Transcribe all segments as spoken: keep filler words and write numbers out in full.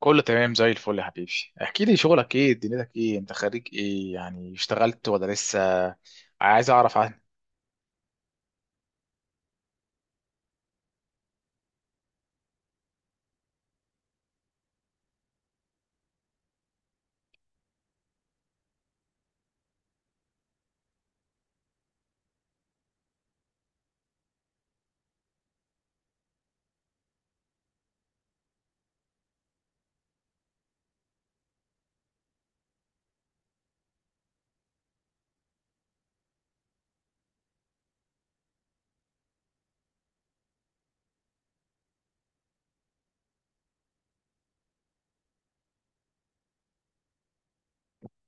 كله تمام زي الفل يا حبيبي. احكي لي شغلك ايه، دنيتك ايه، انت خريج ايه؟ يعني اشتغلت ولا لسه؟ عايز اعرف عنه.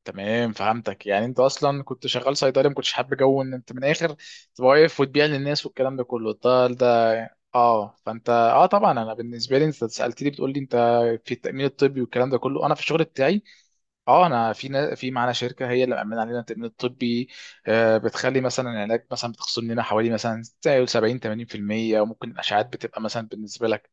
تمام، فهمتك. يعني انت اصلا كنت شغال صيدلي، ما كنتش حابب جو ان انت من الاخر تبقى واقف وتبيع للناس والكلام ده كله. ده ده اه فانت اه طبعا، انا بالنسبه لي، انت سالتني بتقول لي انت في التامين الطبي والكلام ده كله، انا في الشغل بتاعي اه انا في نا- في معانا شركه هي اللي مأمنه علينا التامين الطبي، آه، بتخلي مثلا العلاج، مثلا بتخصم لنا حوالي مثلا زي سبعين ثمانين في المية وممكن الاشعاعات بتبقى مثلا بالنسبه لك.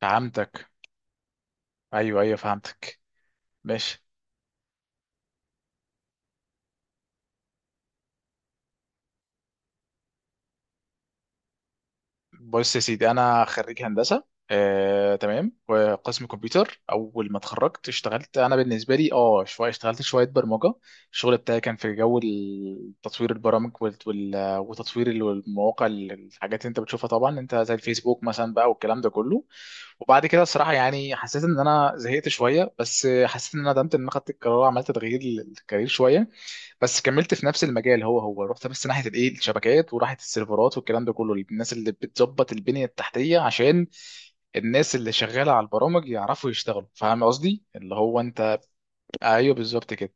فهمتك، ايوه ايوه، فهمتك. ماشي. بص يا سيدي، انا خريج هندسه، آه، تمام، وقسم كمبيوتر. اول ما اتخرجت اشتغلت، انا بالنسبه لي اه شويه، اشتغلت شويه برمجه. الشغل بتاعي كان في جو ال- تطوير البرامج وال- وال- وتطوير ال- المواقع، ال- الحاجات اللي انت بتشوفها طبعا انت، زي الفيسبوك مثلا بقى والكلام ده كله. وبعد كده الصراحه، يعني حسيت ان انا زهقت شويه، بس حسيت ان انا ندمت ان انا خدت القرار، عملت تغيير للكارير شويه. بس كملت في نفس المجال، هو هو، رحت بس ناحيه الايه، الشبكات، وراحت السيرفرات والكلام ده كله، الناس اللي بتظبط البنيه التحتيه عشان الناس اللي شغاله على البرامج يعرفوا يشتغلوا. فاهم قصدي اللي هو انت؟ ايوه، بالظبط كده.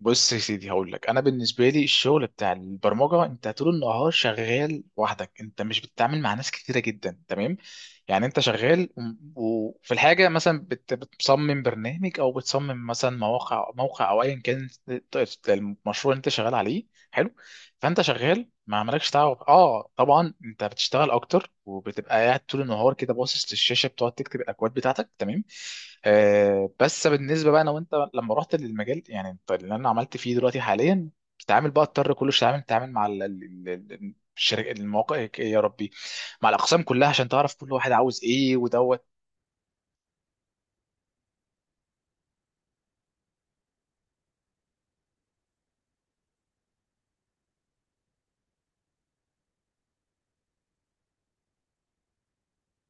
بص يا سيدي، هقول لك انا. بالنسبه لي الشغل بتاع البرمجه، انت طول النهار شغال وحدك، انت مش بتتعامل مع ناس كتيره جدا، تمام؟ يعني انت شغال و- وفي الحاجه مثلا بت- بتصمم برنامج، او بتصمم مثلا مواقع موقع، او ايا كان المشروع اللي انت شغال عليه حلو. فانت شغال، ما عملكش تعب. اه طبعا انت بتشتغل اكتر وبتبقى قاعد طول النهار كده باصص للشاشه، بتقعد تكتب الاكواد بتاعتك، تمام. آه بس بالنسبه بقى انا وانت، لما رحت للمجال يعني انت اللي انا عملت فيه دلوقتي حاليا، بتتعامل بقى، اضطر كل شويه تتعامل، تتعامل مع ال- ال- ال- الشركه، المواقع، يا ربي، مع الاقسام كلها، عشان تعرف كل واحد عاوز ايه ودوت.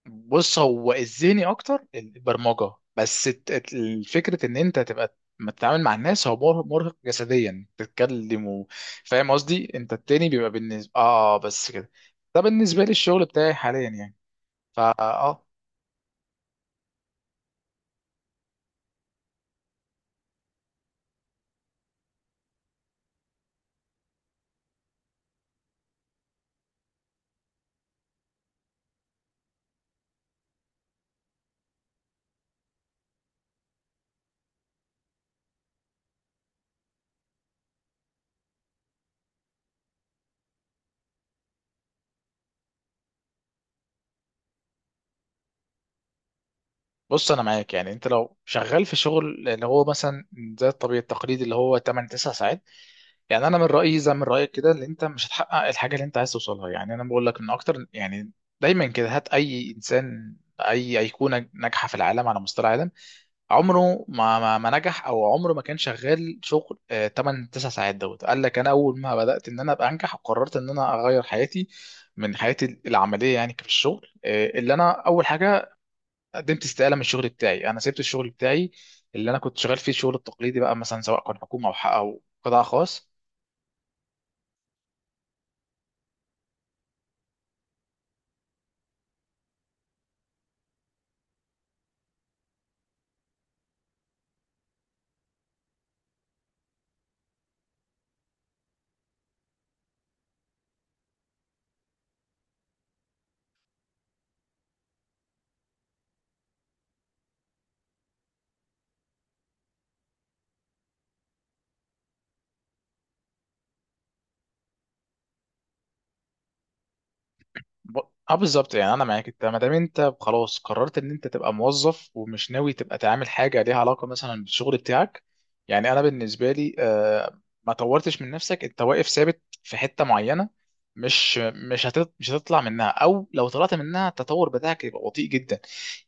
بص هو الذهني اكتر البرمجه، بس الت- الت- الفكره ان انت تبقى ما تتعامل مع الناس، هو مر- مرهق جسديا، تتكلم و- فاهم قصدي؟ انت التاني بيبقى بالنسبه اه آه، بس كده. ده بالنسبه لي الشغل بتاعي حاليا يعني. فا اه بص انا معاك. يعني انت لو شغال في شغل اللي هو مثلا زي الطبيعي التقليدي اللي هو ثمانية تسعة ساعات، يعني انا من رايي زي من رايك كده، اللي انت مش هتحقق الحاجه اللي انت عايز توصلها. يعني انا بقول لك ان اكتر يعني، دايما كده هات اي انسان، اي ايقونه ناجحه في العالم على مستوى العالم، عمره ما ما, ما نجح او عمره ما كان شغال شغل ثمانية تسعة ساعات دوت. قال لك انا اول ما بدات ان انا ابقى انجح وقررت ان انا اغير حياتي من حياتي العمليه، يعني في الشغل، آه، اللي انا اول حاجه قدمت استقاله من الشغل بتاعي، انا سبت الشغل بتاعي اللي انا كنت شغال فيه الشغل التقليدي بقى، مثلا سواء كان حكومه او حق- او قطاع خاص. ب- اه بالظبط. يعني انا معاك، انت ما دام انت خلاص قررت ان انت تبقى موظف ومش ناوي تبقى تعمل حاجه ليها علاقه مثلا بالشغل بتاعك، يعني انا بالنسبه لي، آه، ما طورتش من نفسك، انت واقف ثابت في حته معينه، مش مش هتط... مش هتطلع منها، او لو طلعت منها التطور بتاعك يبقى بطيء جدا،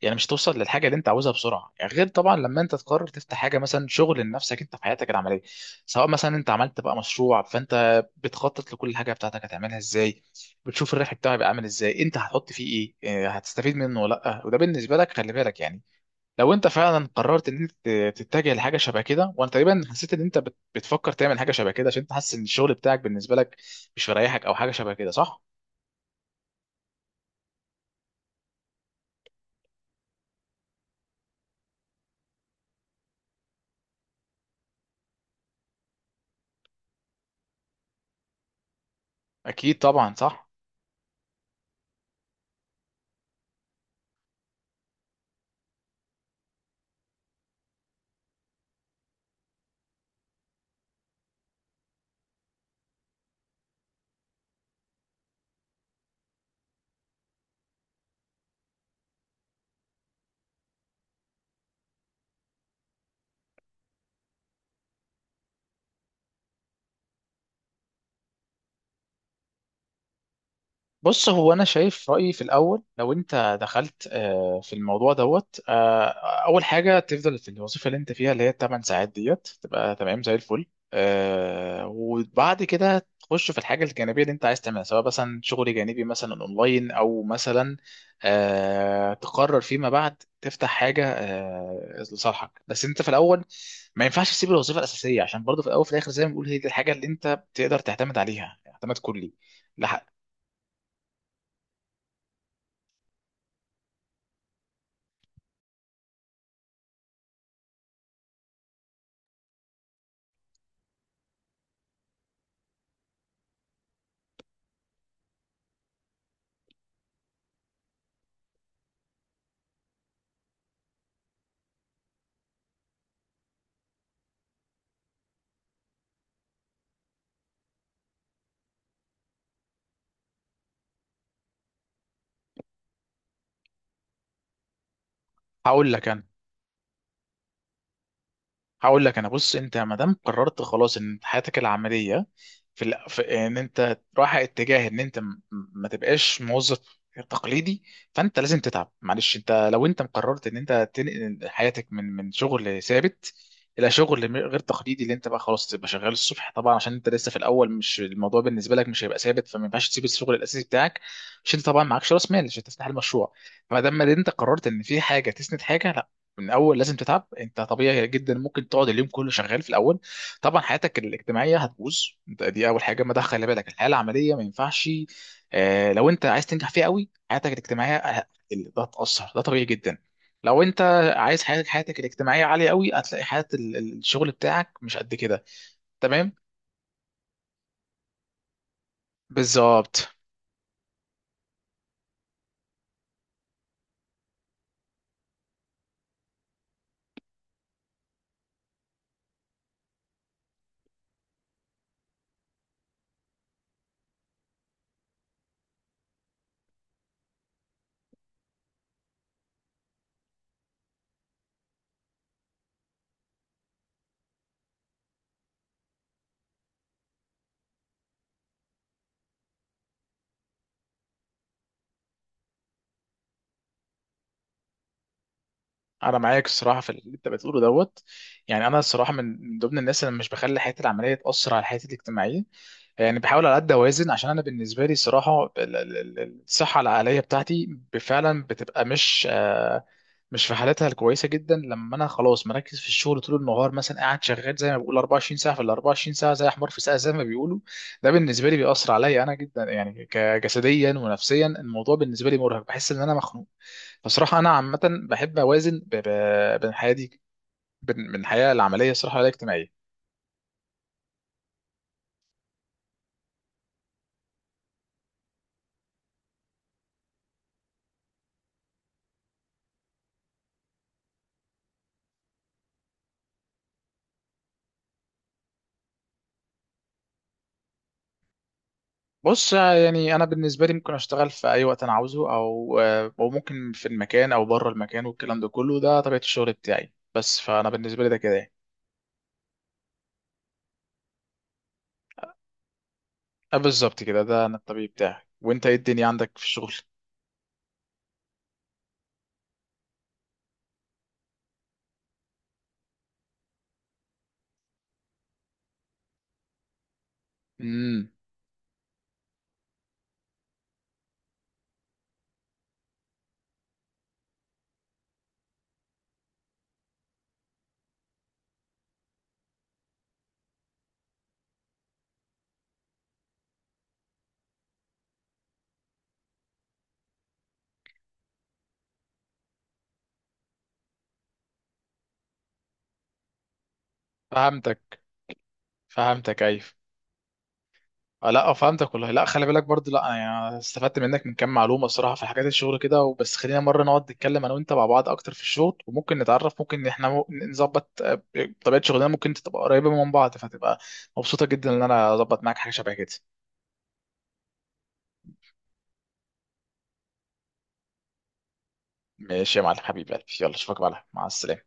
يعني مش توصل للحاجه اللي انت عاوزها بسرعه. يعني غير طبعا لما انت تقرر تفتح حاجه مثلا، شغل لنفسك انت في حياتك العمليه، سواء مثلا انت عملت بقى مشروع، فانت بتخطط لكل حاجه بتاعتك هتعملها ازاي، بتشوف الربح بتاعه يبقى عامل ازاي، انت هتحط فيه ايه، إيه هتستفيد منه ولا لا، وده بالنسبه لك خلي بالك يعني. لو انت فعلا قررت ان انت تتجه لحاجه شبه كده، وانا تقريبا حسيت ان انت بت- بتفكر تعمل حاجه شبه كده، عشان انت حاسس ان الشغل بتاعك بالنسبه لك مش مريحك، او حاجه شبه كده، صح؟ اكيد طبعا، صح. بص هو انا شايف رايي في الاول، لو انت دخلت آه، في الموضوع دوت، آه، اول حاجه تفضل في الوظيفه اللي انت فيها اللي هي ثمان ساعات ديت، تبقى تمام زي الفل، آه، وبعد كده تخش في الحاجه الجانبيه اللي انت عايز تعملها، سواء مثلا شغل جانبي مثلا اونلاين، او مثلا آه، تقرر فيما بعد تفتح حاجه آه، لصالحك. بس انت في الاول ما ينفعش تسيب الوظيفه الاساسيه، عشان برضه في الاول وفي الاخر زي ما بنقول هي دي الحاجه اللي انت تقدر تعتمد عليها اعتماد كلي. لح- هقول لك انا هقول لك انا. بص انت ما دام قررت خلاص ان حياتك العمليه في, ال... في ان انت رايح اتجاه ان انت م- ما تبقاش موظف تقليدي، فانت لازم تتعب، معلش. انت لو انت مقررت ان انت تنقل حياتك من من شغل ثابت الى شغل م- غير تقليدي، اللي انت بقى خلاص تبقى شغال الصبح، طبعا عشان انت لسه في الاول، مش الموضوع بالنسبه لك مش هيبقى ثابت، فما ينفعش تسيب الشغل الاساسي بتاعك، عشان انت طبعا معكش راس مال عشان تفتح المشروع. فما دام ما انت قررت ان في حاجه تسند حاجه، من اول لازم تتعب. انت طبيعي جدا ممكن تقعد اليوم كله شغال في الاول، طبعا حياتك الاجتماعيه هتبوظ، انت دي اول حاجه، ما ده خلي بالك الحياه العمليه ما ينفعش، آه، لو انت عايز تنجح فيها قوي حياتك الاجتماعيه ه- ال- ده هتاثر، ده طبيعي جدا. لو انت عايز حياتك، حياتك الاجتماعيه عاليه قوي، هتلاقي حياه ال- ال- الشغل بتاعك مش قد كده. تمام. بالظبط. انا معاك الصراحه في اللي انت بتقوله دوت. يعني انا الصراحه من من ضمن الناس اللي مش بخلي حياتي العمليه تاثر على حياتي الاجتماعيه، يعني بحاول على قد اوازن، عشان انا بالنسبه لي صراحه ال- ال- ال- الصحه العقليه بتاعتي ب- فعلا بتبقى مش آه، مش في حالتها الكويسه جدا لما انا خلاص مركز في الشغل طول النهار، مثلا قاعد شغال زي ما بقول اربعة وعشرين ساعه في ال اربعة وعشرين ساعه زي حمار في ساقه زي ما بيقولوا. ده بالنسبه لي بيأثر عليا انا جدا، يعني كجسديا ونفسيا الموضوع بالنسبه لي مرهق، بحس ان انا مخنوق. فصراحه انا عامه بحب اوازن ب- ب- بين حياتي، بين بين الحياه العمليه الصراحه والاجتماعيه. بص يعني انا بالنسبه لي ممكن اشتغل في اي وقت انا عاوزه، او او ممكن في المكان او بره المكان والكلام ده كله، ده طبيعه الشغل بتاعي بس، فانا بالنسبه لي ده كده يعني. آه، بالظبط كده، ده انا الطبيعي بتاعي. وانت ايه الدنيا عندك في الشغل؟ امم. فهمتك. فهمتك، ايوه. آه، لا آه، فهمتك والله. لا خلي بالك برضه، لا يعني استفدت منك من كام معلومه الصراحه في حاجات الشغل كده. وبس خلينا مره نقعد نتكلم انا وانت مع بعض اكتر في الشغل، وممكن نتعرف، ممكن احنا مو- نظبط، آه، طبيعه شغلنا ممكن تبقى قريبه من بعض، فتبقى مبسوطه جدا ان انا اظبط معاك حاجه شبه كده. ماشي يا معلم، حبيبي قلبي. يلا اشوفك بقى، مع السلامه.